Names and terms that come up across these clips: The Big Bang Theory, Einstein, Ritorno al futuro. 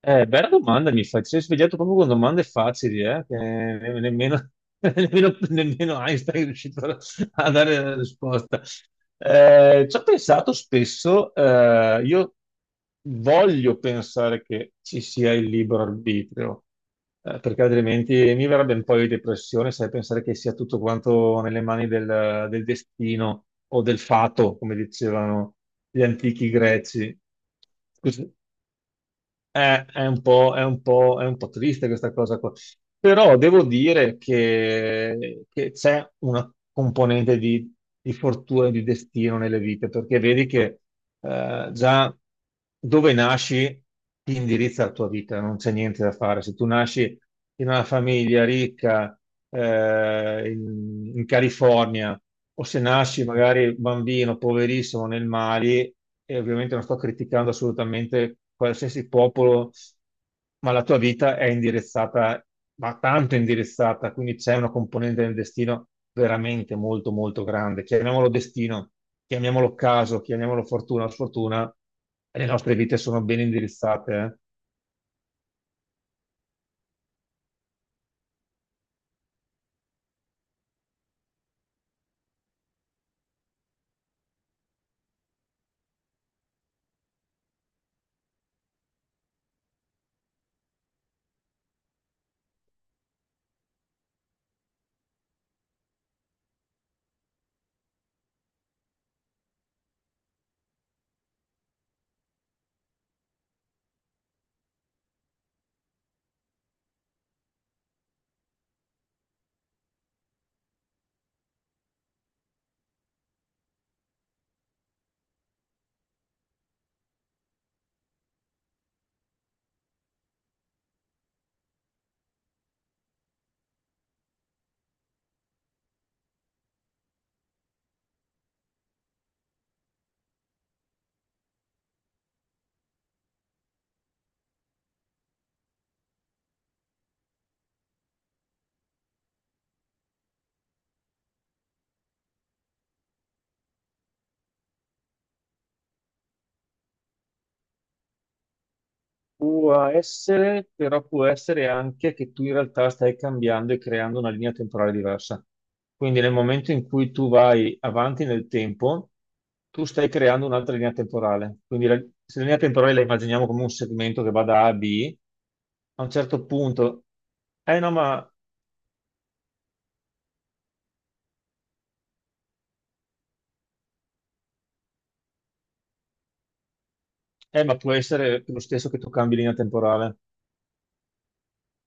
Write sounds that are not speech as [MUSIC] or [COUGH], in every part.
Bella domanda mi fai, ti sei svegliato proprio con domande facili, nemmeno, [LAUGHS] nemmeno Einstein è riuscito a dare la risposta. Ci ho pensato spesso, io voglio pensare che ci sia il libero arbitrio, perché altrimenti mi verrebbe un po' di depressione, sai, pensare che sia tutto quanto nelle mani del destino o del fato, come dicevano gli antichi greci. Così- è un po', è un po' triste questa cosa qua. Però devo dire che c'è una componente di fortuna e di destino nelle vite, perché vedi che già dove nasci ti indirizza la tua vita, non c'è niente da fare. Se tu nasci in una famiglia ricca in California o se nasci magari bambino, poverissimo, nel Mali, e ovviamente non sto criticando assolutamente qualsiasi popolo ma la tua vita è indirizzata, ma tanto indirizzata, quindi c'è una componente del destino veramente molto, molto grande. Chiamiamolo destino, chiamiamolo caso, chiamiamolo fortuna o sfortuna, e le nostre vite sono ben indirizzate, eh. Può essere, però può essere anche che tu in realtà stai cambiando e creando una linea temporale diversa. Quindi nel momento in cui tu vai avanti nel tempo, tu stai creando un'altra linea temporale. Se la linea temporale la immaginiamo come un segmento che va da A a B, a un certo punto, eh no, ma può essere lo stesso che tu cambi linea temporale.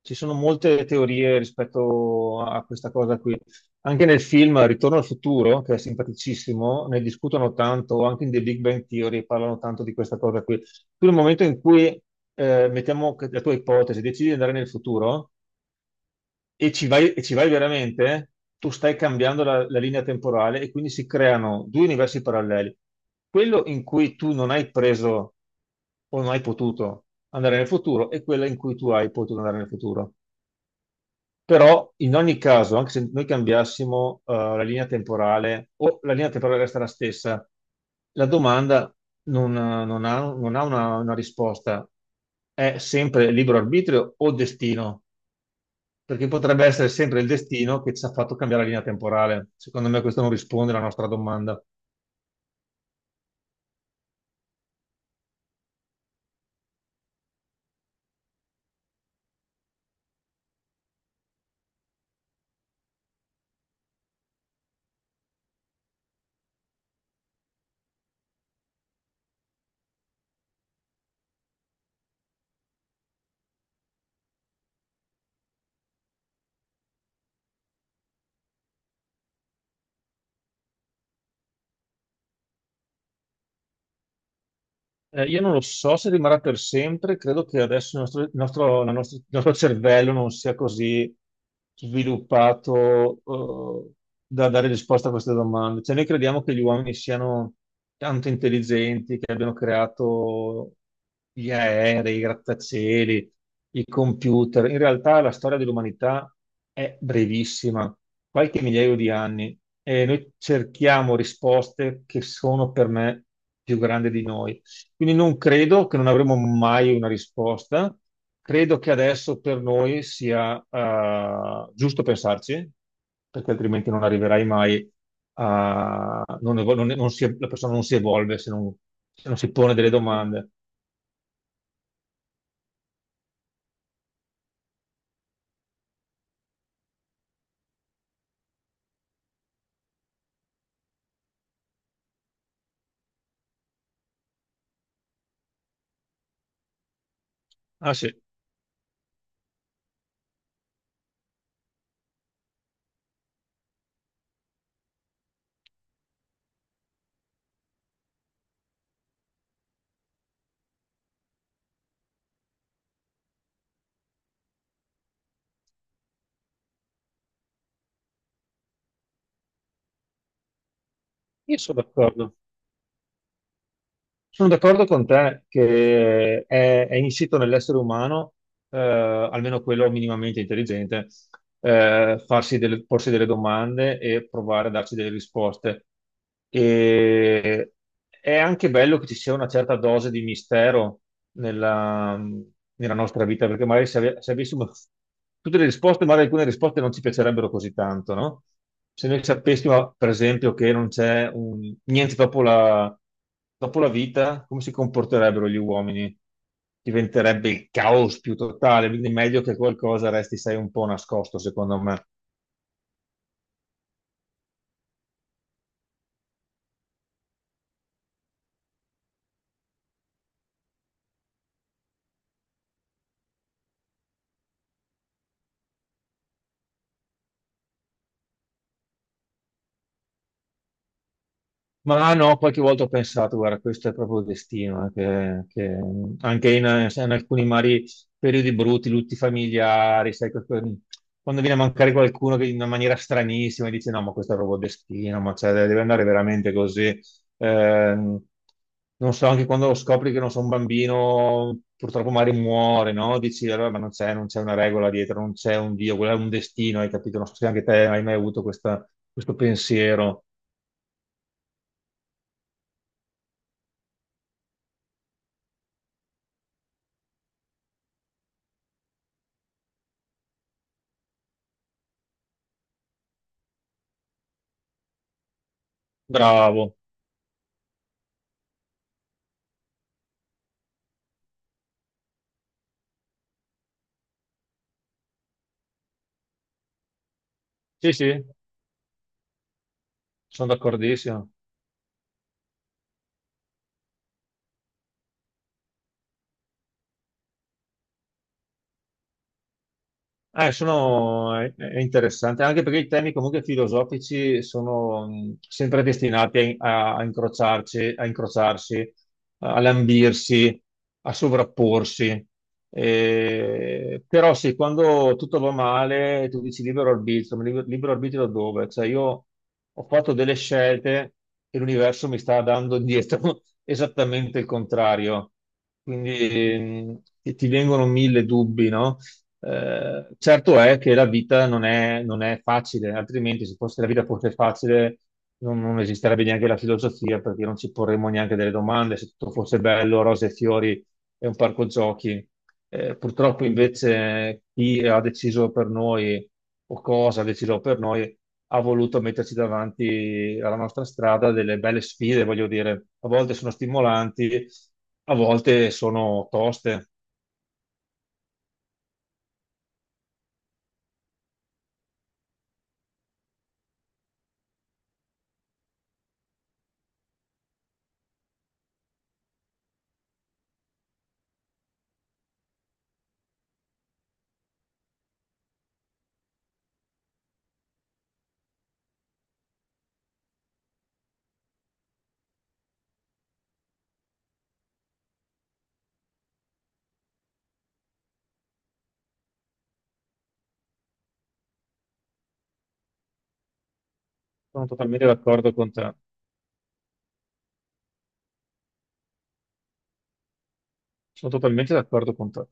Ci sono molte teorie rispetto a questa cosa qui. Anche nel film Ritorno al futuro, che è simpaticissimo, ne discutono tanto, anche in The Big Bang Theory parlano tanto di questa cosa qui. Tu nel momento in cui, la tua ipotesi, decidi di andare nel futuro e ci vai veramente, tu stai cambiando la linea temporale e quindi si creano due universi paralleli. Quello in cui tu non hai preso o non hai potuto andare nel futuro e quello in cui tu hai potuto andare nel futuro. Però in ogni caso, anche se noi cambiassimo la linea temporale o la linea temporale resta la stessa, la domanda non ha una risposta. È sempre libero arbitrio o destino? Perché potrebbe essere sempre il destino che ci ha fatto cambiare la linea temporale. Secondo me questo non risponde alla nostra domanda. Io non lo so se rimarrà per sempre, credo che adesso il nostro cervello non sia così sviluppato, eh, da dare risposta a queste domande. Cioè, noi crediamo che gli uomini siano tanto intelligenti, che abbiano creato gli aerei, i grattacieli, i computer. In realtà la storia dell'umanità è brevissima, qualche migliaio di anni, e noi cerchiamo risposte che sono per me più grandi di noi. Quindi non credo che non avremo mai una risposta. Credo che adesso per noi sia giusto pensarci, perché altrimenti non arriverai mai a... non evol- non- non si- la persona non si evolve se non, se non si pone delle domande. Ah sì, io sono d'accordo. Sono d'accordo con te è insito nell'essere umano, almeno quello minimamente intelligente, porsi delle domande e provare a darci delle risposte. E è anche bello che ci sia una certa dose di mistero nella, nella nostra vita, perché magari se avessimo tutte le risposte, magari alcune risposte non ci piacerebbero così tanto, no? Se noi sapessimo, per esempio, che non c'è un- niente dopo la vita, come si comporterebbero gli uomini? Diventerebbe il caos più totale, quindi è meglio che qualcosa resti, sai, un po' nascosto, secondo me. Ma no, qualche volta ho pensato, guarda, questo è proprio il destino, che anche in alcuni mari periodi brutti, lutti familiari, sai, quando viene a mancare qualcuno che in una maniera stranissima dice no, ma questo è proprio il destino, ma cioè, deve andare veramente così. Ehm, Non so, anche quando scopri che non so, un bambino purtroppo magari muore, no? Dici allora, ma non c'è una regola dietro, non c'è un Dio, quello è un destino, hai capito? Non so se anche te hai mai avuto questo pensiero. Bravo. Sì, sì, sono d'accordissimo. È interessante, anche perché i temi comunque filosofici sono sempre destinati a incrociarci, a incrociarsi, a lambirsi, a sovrapporsi. Però sì, quando tutto va male, tu dici libero arbitrio, ma libero arbitrio da dove? Cioè io ho fatto delle scelte e l'universo mi sta dando indietro [LAUGHS] esattamente il contrario. Quindi ti vengono mille dubbi, no? Certo è che la vita non è, non è facile, altrimenti se fosse la vita fosse facile non esisterebbe neanche la filosofia perché non ci porremmo neanche delle domande, se tutto fosse bello, rose e fiori e un parco giochi. Purtroppo invece chi ha deciso per noi o cosa ha deciso per noi ha voluto metterci davanti alla nostra strada delle belle sfide, voglio dire, a volte sono stimolanti, a volte sono toste. Sono totalmente d'accordo con te. Sono totalmente d'accordo con te.